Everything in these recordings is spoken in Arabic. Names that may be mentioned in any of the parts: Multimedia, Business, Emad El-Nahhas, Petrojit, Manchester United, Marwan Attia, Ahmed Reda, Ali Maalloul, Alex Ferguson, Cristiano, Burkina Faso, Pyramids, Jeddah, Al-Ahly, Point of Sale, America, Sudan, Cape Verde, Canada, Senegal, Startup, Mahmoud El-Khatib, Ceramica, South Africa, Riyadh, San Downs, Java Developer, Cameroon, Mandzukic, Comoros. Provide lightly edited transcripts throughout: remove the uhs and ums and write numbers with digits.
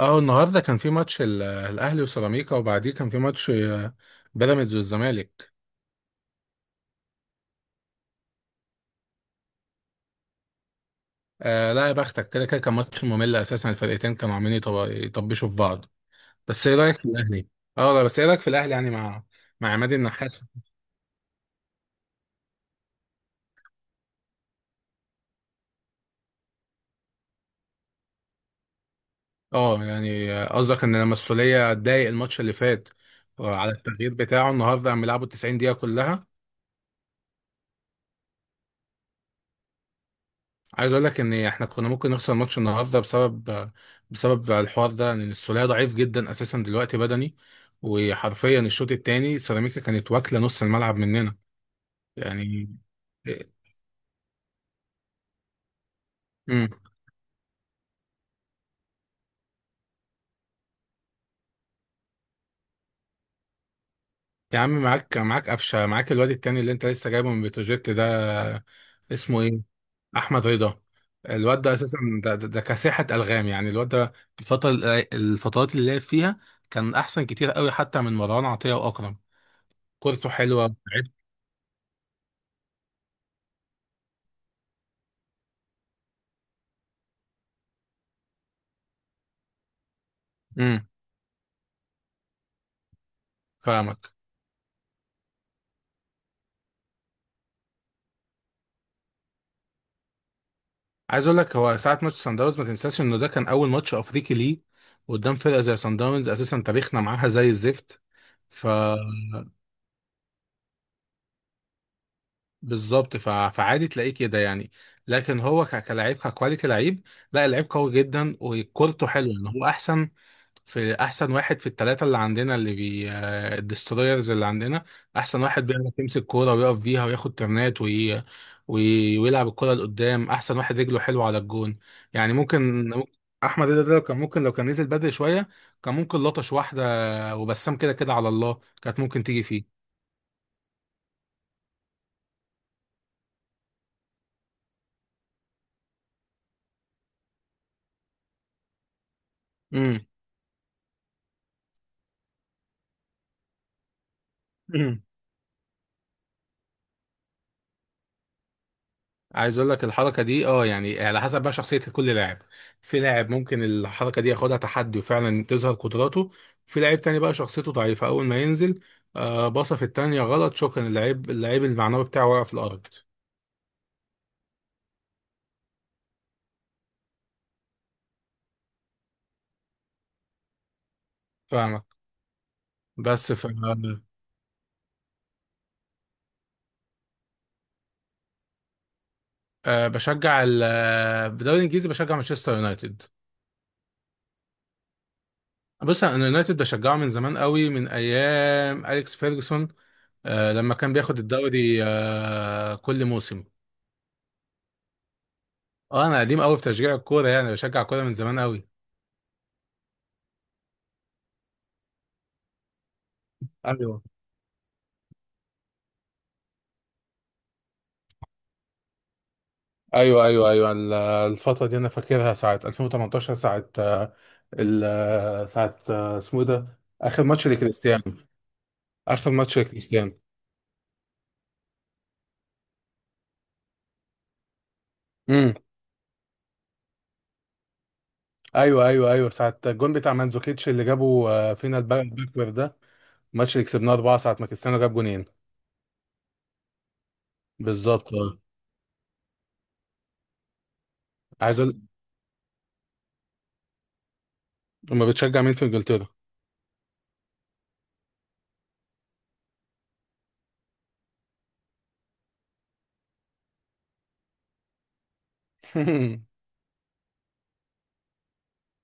اه النهارده كان في ماتش الاهلي وسيراميكا، وبعديه كان في ماتش بيراميدز والزمالك. لا يا بختك، كده كده كان ماتش ممل اساسا. الفرقتين كانوا عاملين يطبشوا في بعض. بس ايه رايك في الاهلي؟ اه لا، بس ايه رايك في الاهلي يعني مع عماد النحاس؟ اه يعني قصدك ان لما السوليه اتضايق الماتش اللي فات على التغيير بتاعه؟ النهارده عم يلعبوا 90 دقيقه كلها. عايز اقول لك ان احنا كنا ممكن نخسر ماتش النهارده بسبب الحوار ده، ان السوليه ضعيف جدا اساسا دلوقتي بدني. وحرفيا الشوط الثاني سيراميكا كانت واكله نص الملعب مننا. يعني امم يا عم، معاك معاك قفشه، معاك الواد التاني اللي انت لسه جايبه من بتروجيت ده. اسمه ايه؟ احمد رضا. الواد ده اساسا، ده كساحه الغام يعني الواد ده. الفتره الفترات اللي لعب فيها كان احسن كتير قوي حتى من مروان عطيه واكرم. كورته حلوه. فاهمك. عايز اقول لك، هو ساعه ماتش سان داونز ما تنساش انه ده كان اول ماتش افريقي ليه قدام فرقه زي سان داونز. اساسا تاريخنا معاها زي الزفت. ف بالظبط. فعادي تلاقيه كده يعني. لكن هو كلاعب، ككواليتي لعيب. لا، اللعيب قوي جدا، وكورته حلوه. يعني هو احسن في، احسن واحد في الثلاثه اللي عندنا، اللي بي آه، الدسترويرز اللي عندنا. احسن واحد بيعرف يمسك كوره ويقف فيها وياخد ترنات ويلعب الكوره لقدام. احسن واحد رجله حلوه على الجون يعني. ممكن احمد رضا ده لو كان ممكن، لو كان نزل بدري شويه كان ممكن لطش واحده. وبسام كده كده على الله كانت ممكن تيجي فيه. امم عايز اقول لك الحركه دي، اه يعني على حسب بقى شخصيه كل لاعب. في لاعب ممكن الحركه دي ياخدها تحدي وفعلا تظهر قدراته. في لاعب تاني بقى شخصيته ضعيفه، اول ما ينزل باصه في التانيه غلط، شكرا، اللعيب، المعنوي بتاعه وقع في الارض. فاهمك. بس ف آه بشجع ال آه، في الدوري الانجليزي بشجع مانشستر يونايتد. بص، انا يونايتد بشجعه من زمان قوي، من ايام اليكس فيرجسون، آه، لما كان بياخد الدوري آه كل موسم. اه، انا قديم قوي في تشجيع الكوره يعني، بشجع كوره من زمان قوي. ايوه، ايوه، ايوه، ايوه، الفتره دي انا فاكرها ساعه 2018، ساعه آه، ال آه، ساعه اسمه ايه ده، اخر ماتش لكريستيانو. اخر ماتش لكريستيانو امم ايوه، ايوه، ايوه، ساعه الجون بتاع مانزوكيتش اللي جابه فينا، الباكور ده، الماتش اللي كسبناه 4 ساعه ما كريستيانو جاب جونين. بالظبط اه. عايز اقول: لما بتشجع مين في انجلترا؟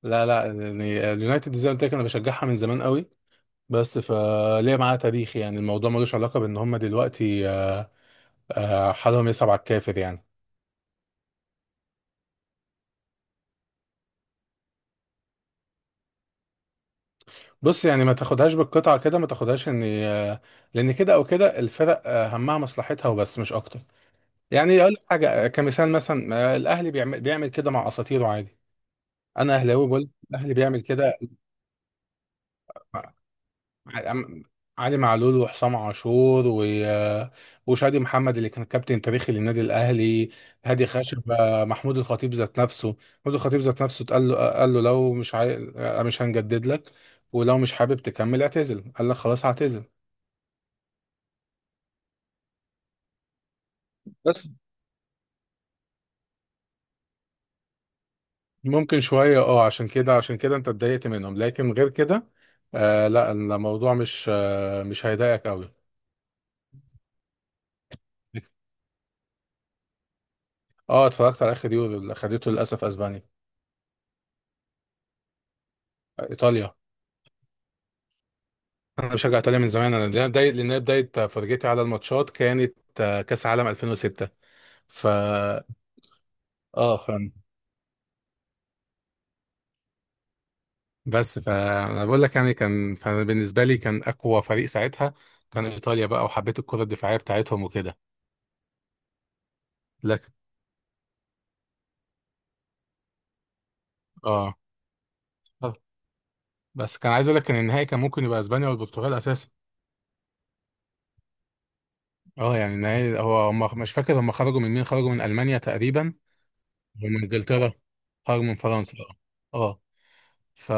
لا، لا، يعني اليونايتد زي ما قلت لك انا بشجعها من زمان قوي. بس فليه معاه تاريخ يعني، الموضوع ملوش علاقة بان هم دلوقتي حالهم يصعب على الكافر يعني. بص، يعني ما تاخدهاش بالقطعة كده، ما تاخدهاش ان لان كده او كده الفرق، همها مصلحتها وبس، مش اكتر. يعني اقول لك حاجة كمثال، مثلا الاهلي بيعمل كده مع اساطيره عادي. انا اهلاوي بقول الاهلي بيعمل كده. عم- علي معلول وحسام عاشور وشادي محمد اللي كان كابتن تاريخي للنادي الاهلي. هادي خاشبة. محمود الخطيب ذات نفسه. محمود الخطيب ذات نفسه اتقال له، قال له لو مش عاي... آه، مش هنجدد لك، ولو مش حابب تكمل اعتزل، قال لك خلاص هعتزل. بس ممكن شوية اه، عشان كده انت اتضايقت منهم، لكن غير كده لا، الموضوع مش مش هيضايقك قوي. اه، اتفرجت على اخر يورو اللي خدته للاسف اسبانيا. ايطاليا. انا بشجع ايطاليا من زمان، انا لان بدايه فرجتي على الماتشات كانت كاس عالم 2006. ف اه ف بس فانا بقول لك يعني، كان فبالنسبه لي كان اقوى فريق ساعتها كان ايطاليا بقى. وحبيت الكره الدفاعيه بتاعتهم وكده. لكن اه. آه. بس كان عايز اقول لك ان النهائي كان ممكن يبقى اسبانيا والبرتغال اساسا. اه يعني النهائي، هو هم مش فاكر هم خرجوا من مين، خرجوا من المانيا تقريبا ومن انجلترا. خرجوا من فرنسا. اه. آه. ف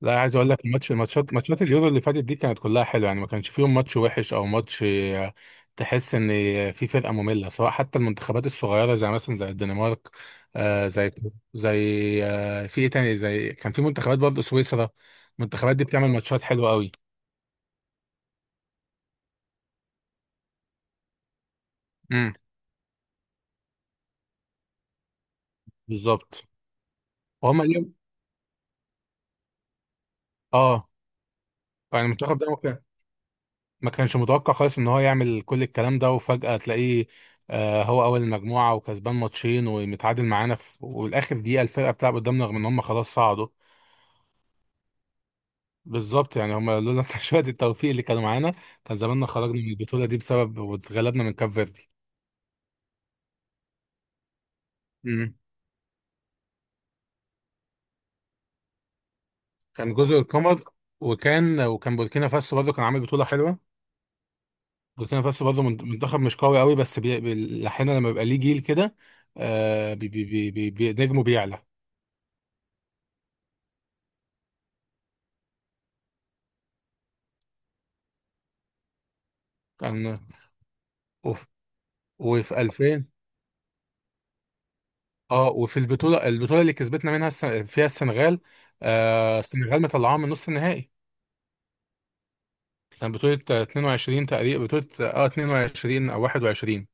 لا، عايز اقول لك الماتشات، ماتشات اليورو اللي فاتت دي كانت كلها حلوه، يعني ما كانش فيهم ماتش وحش او ماتش تحس ان في فرقه ممله، سواء حتى المنتخبات الصغيره زي مثلا زي الدنمارك، آه زي زي آه في ايه تاني، زي كان في منتخبات برضه سويسرا. المنتخبات دي بتعمل ماتشات حلوه قوي. امم بالظبط. وهم اليوم اه، يعني المنتخب ده ما كانش متوقع خالص ان هو يعمل كل الكلام ده. وفجأة تلاقيه هو اول المجموعة، وكسبان ماتشين، ومتعادل معانا في والاخر دقيقة، الفرقة بتلعب قدامنا رغم ان هم خلاص صعدوا. بالظبط. يعني هم لولا شوية التوفيق اللي كانوا معانا كان زماننا خرجنا من البطولة دي بسبب، واتغلبنا من كاب فيردي. مم. كان جزر القمر. وكان بوركينا فاسو برضه كان عامل بطولة حلوة. بوركينا فاسو برضه منتخب مش قوي قوي، بس احيانا لما بيبقى ليه جيل كده نجمه بيعلى. كان وف- وفي 2000، اه، وفي البطوله اللي كسبتنا منها فيها السنغال. آه، السنغال مطلعاها من نص النهائي. كان بطوله 22 تقريبا، بطوله اه 22 او 21.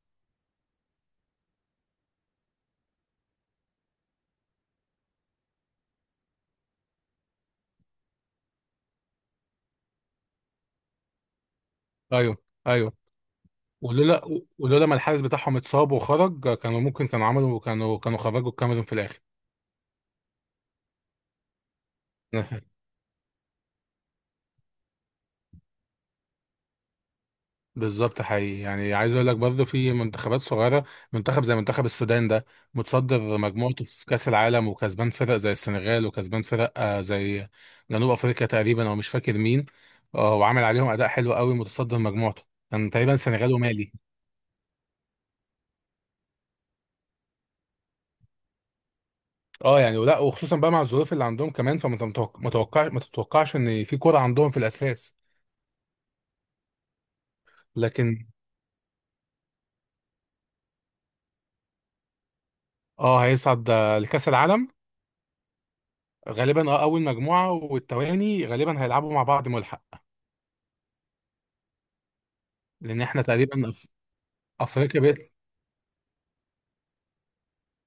ايوه، ايوه. ولولا ولولا ما الحارس بتاعهم اتصاب وخرج كانوا ممكن، كانوا عملوا كانوا كانوا خرجوا الكاميرون في الاخر. بالظبط، حقيقي. يعني عايز اقول لك برضه في منتخبات صغيره، منتخب زي منتخب السودان ده متصدر مجموعته في كاس العالم، وكسبان فرق زي السنغال، وكسبان فرق زي جنوب افريقيا تقريبا، او مش فاكر مين. وعامل عليهم اداء حلو قوي، متصدر مجموعته. كان تقريبا السنغال ومالي. اه، يعني ولا، وخصوصا بقى مع الظروف اللي عندهم كمان، فما تتوقع، ما تتوقعش ان في كوره عندهم في الاساس. لكن اه، هيصعد لكاس العالم غالبا. اه اول مجموعه، والتواني غالبا هيلعبوا مع بعض ملحق. لان احنا تقريبا افريقيا بقت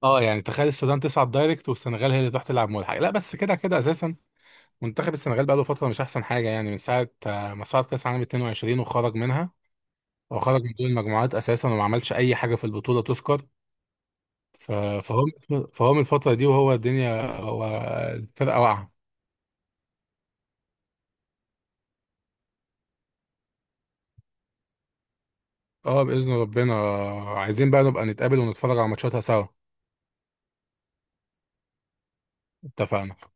اه يعني. تخيل السودان تصعد دايركت والسنغال هي اللي تروح تلعب ملحق؟ لا، بس كده كده اساسا منتخب السنغال بقاله فتره مش احسن حاجه، يعني من ساعه ما صعد كاس عالم 22 وخرج منها، وخرج من دور المجموعات اساسا، وما عملش اي حاجه في البطوله تذكر. ف- فهو فهو من الفتره دي، وهو الدنيا الفرقه واقعه. اه باذن ربنا، عايزين بقى نبقى نتقابل ونتفرج على ماتشاتها سوا. اتفقنا.